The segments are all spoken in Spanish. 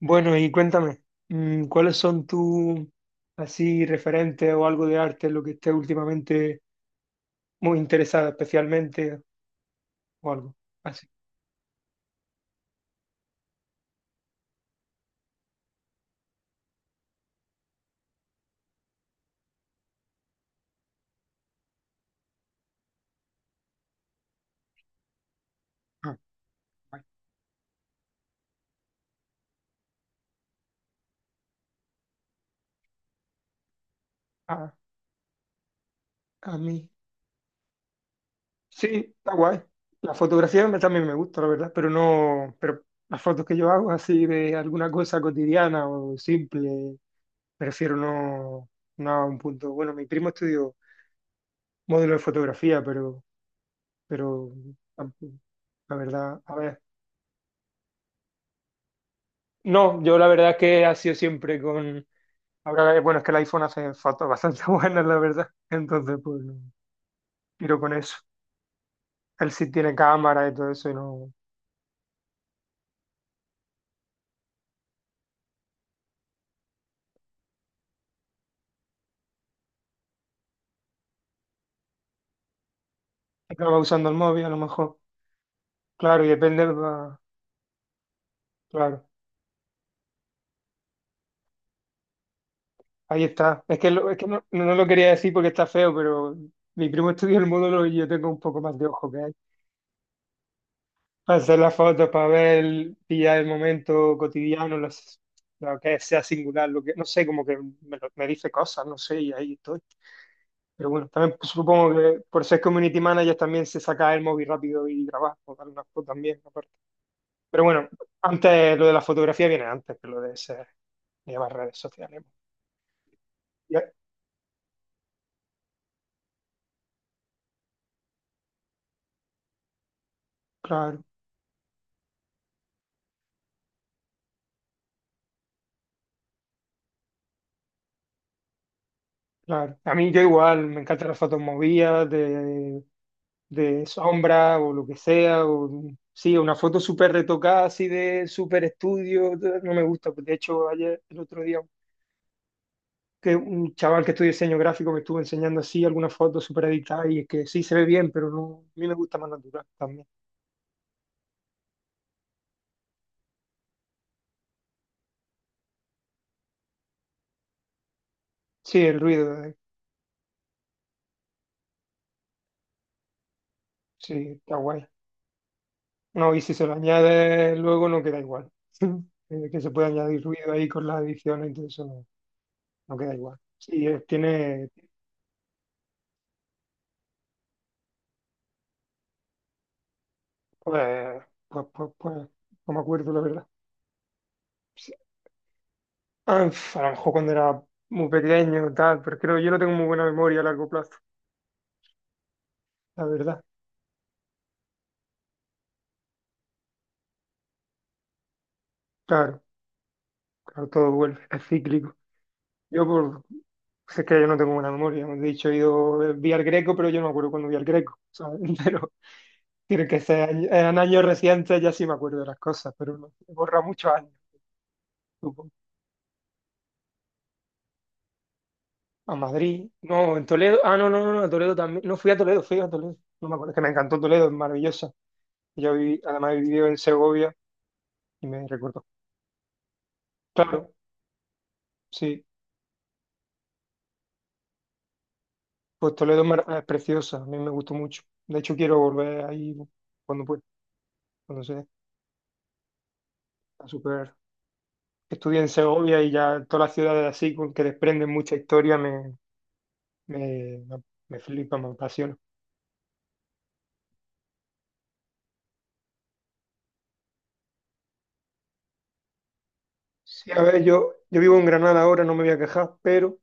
Bueno, y cuéntame, ¿cuáles son tus así referentes o algo de arte lo que esté últimamente muy interesada especialmente o algo así? Ah, vale. A, a mí. Sí, está guay. La fotografía también me gusta, la verdad, pero no, pero las fotos que yo hago así de alguna cosa cotidiana o simple, prefiero no, no a un punto. Bueno, mi primo estudió módulo de fotografía, pero tampoco, la verdad, a ver. No, yo la verdad que ha sido siempre con... Ahora, bueno, es que el iPhone hace fotos bastante buenas, la verdad. Entonces, pues, no, tiro con eso. Él sí tiene cámara y todo eso y no... Acaba usando el móvil, a lo mejor. Claro, y Claro, ahí está. Es que, es que no, no lo quería decir porque está feo, pero mi primo estudia el módulo y yo tengo un poco más de ojo que él. Hacer la foto para ver, pillar el momento lo que sea singular, lo que, no sé, como que me dice cosas, no sé, y ahí estoy. Pero bueno, también pues, supongo que por ser community manager también se saca el móvil rápido y grabar, o dar una foto también, aparte. Pero bueno, antes lo de la fotografía viene antes que lo de ser, llevar redes sociales. Ya, claro. Claro. A mí yo igual, me encantan las fotos movidas, de sombra o lo que sea. O, sí, una foto súper retocada, así de súper estudio, no me gusta. De hecho, ayer, el otro día, que un chaval que estudia diseño gráfico me estuvo enseñando así algunas fotos súper editadas y es que sí se ve bien, pero no, a mí me gusta más natural también. Sí, el ruido, sí, está guay. No, y si se lo añade luego no queda igual. Que se puede añadir ruido ahí con las ediciones y todo eso. No, no queda igual. Sí, tiene, pues, pues, pues, pues, no me acuerdo, la verdad. Sí, ah, a lo mejor cuando era muy pequeño tal, pero creo que yo no tengo muy buena memoria a largo plazo, la verdad. Claro, claro, todo vuelve, es cíclico. Yo por, pues es que yo no tengo buena memoria, hemos dicho, he ido, vi al Greco, pero yo no me acuerdo cuando vi al Greco, ¿sabes? Pero tiene que ser en años recientes, ya sí me acuerdo de las cosas, pero no, borra muchos años. A Madrid, no, en Toledo, ah, no, no, no, no, a Toledo también, no fui a Toledo, fui a Toledo, no me acuerdo, es que me encantó Toledo, es maravillosa, yo viví, además he vivido en Segovia y me recuerdo, claro, sí, pues Toledo es preciosa, a mí me gustó mucho, de hecho quiero volver ahí cuando pueda, cuando sea, a super, estudié en Segovia y ya todas las ciudades así, con que desprenden mucha historia, me, me, me flipa, me apasiona. Sí, a ver, yo vivo en Granada ahora, no me voy a quejar, pero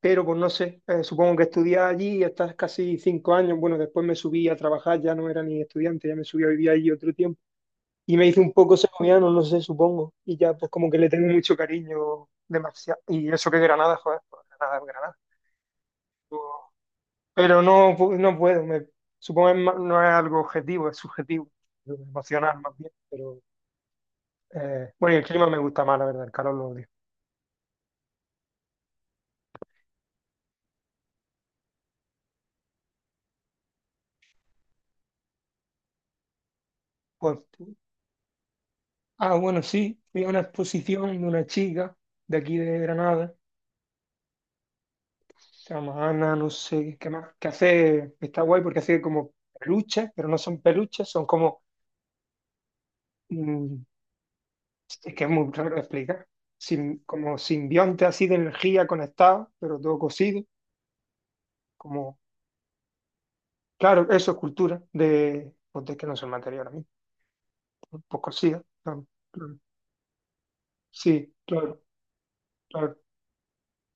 Pero pues no sé, supongo que estudiaba allí y hasta casi cinco años. Bueno, después me subí a trabajar, ya no era ni estudiante, ya me subí a vivir allí otro tiempo. Y me hice un poco segoviano, no sé, supongo. Y ya pues como que le tengo mucho cariño demasiado. Y eso que Granada, joder, pues, Granada es Granada. Pero no, no puedo, supongo que no es algo objetivo, es subjetivo, emocional más bien. Pero bueno, y el clima me gusta más, la verdad, el calor lo odio. Pues, ah, bueno, sí, fui a una exposición de una chica de aquí de Granada Samana, no sé qué más. Que hace, está guay porque hace como peluches, pero no son peluches, son como, mm, es que es muy raro de explicar, como simbionte así de energía conectado, pero todo cosido, como, claro, eso es cultura, de, pues de que no son material a mí, pues cosido. Claro, claro. Sí, claro, claro,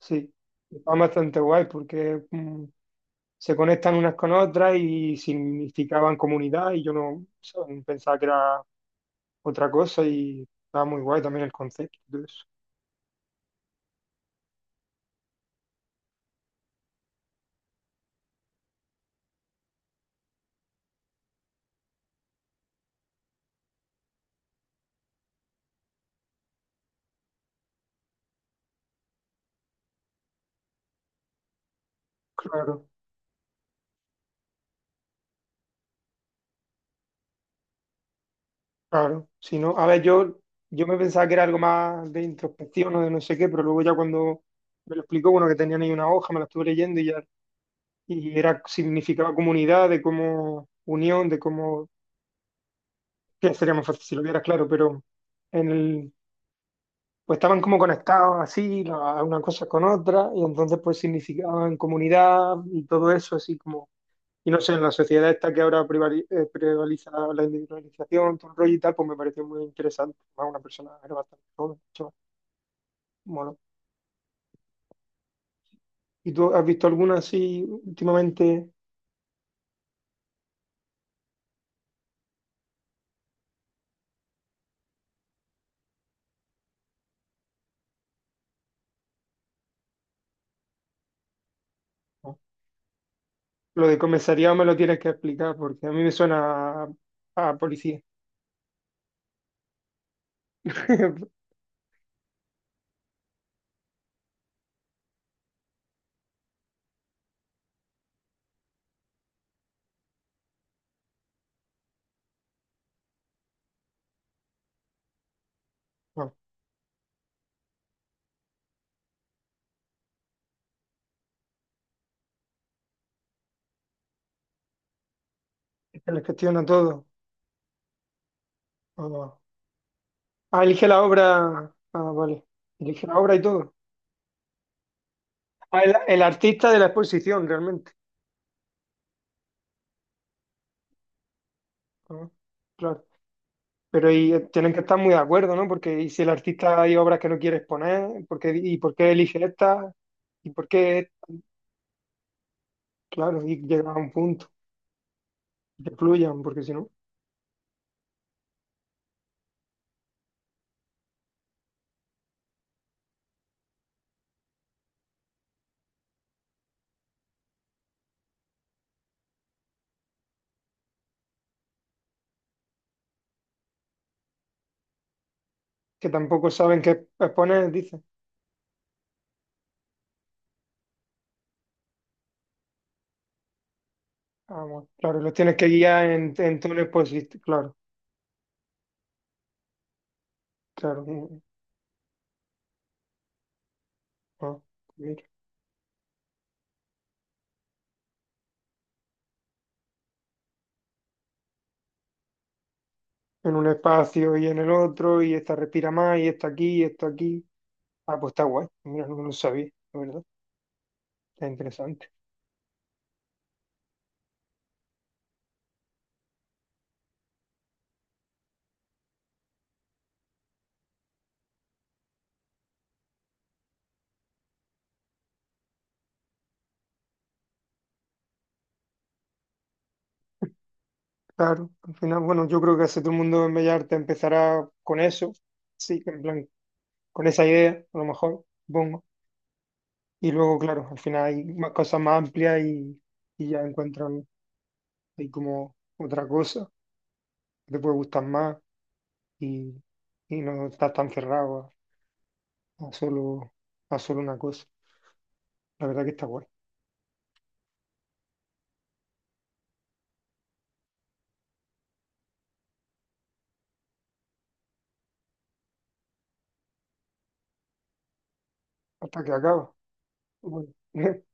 sí. Está bastante guay porque se conectan unas con otras y significaban comunidad y yo no, ¿sabes? Pensaba que era otra cosa y estaba muy guay también el concepto y todo eso. Claro, claro. Si no, a ver, yo me pensaba que era algo más de introspección o de no sé qué, pero luego ya cuando me lo explicó, bueno, que tenían ahí una hoja, me la estuve leyendo y ya, y era, significaba comunidad, de cómo unión, de cómo, que sería más fácil si lo vieras, claro, pero en el, pues estaban como conectados así, una cosa con otra y entonces pues significaban comunidad y todo eso, así como y no sé, en la sociedad esta que ahora prevaliza la individualización, todo el rollo y tal, pues me pareció muy interesante. Además, una persona era bastante joven, chaval. Mono. ¿Y tú has visto alguna así últimamente? No. Lo de comisariado me lo tienes que explicar porque a mí me suena a policía. No, es que les gestiona todo. No. Ah, elige la obra. Ah, vale. Elige la obra y todo. Ah, el artista de la exposición, realmente. Ah, claro. Pero y tienen que estar muy de acuerdo, ¿no? Porque y si el artista hay obras que no quiere exponer, ¿y por qué elige esta? ¿Y por qué esta? Claro, y llegan a un punto, que fluyan, porque si no, que tampoco saben qué exponer, dice, ah, bueno, claro, los tienes que guiar en tonos positivos, claro, claro. Ah, mira. En un espacio y en el otro, y esta respira más, y esta aquí, y esto aquí. Ah, pues está guay, mira, no lo sabía, la verdad, está interesante. Claro, al final, bueno, yo creo que casi todo el mundo en Bellas Artes empezará con eso, sí, en plan, con esa idea, a lo mejor, supongo. Y luego, claro, al final hay más, cosas más amplias y ya encuentran ahí como otra cosa que te puede gustar más y, y no estás tan cerrado a, a solo, a solo una cosa. La verdad que está guay. Hasta que acaba. Bueno,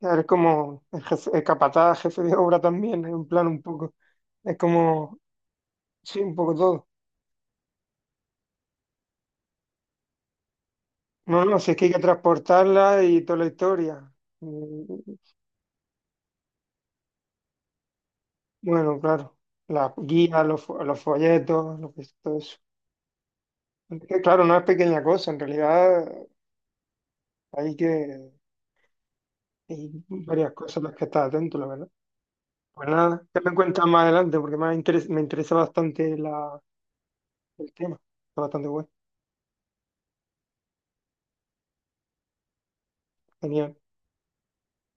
eres como el jefe, el capataz, jefe de obra también, en plan un poco, es como, sí, un poco todo. No, no, si es que hay que transportarla y toda la historia. Mm, Bueno, claro, la guía, los folletos, lo que es todo eso. Es que, claro, no es pequeña cosa, en realidad hay que, hay varias cosas a las que estar atento, la verdad. Pues nada, ya me cuentas más adelante porque me interesa bastante la, el tema. Está bastante bueno. Genial.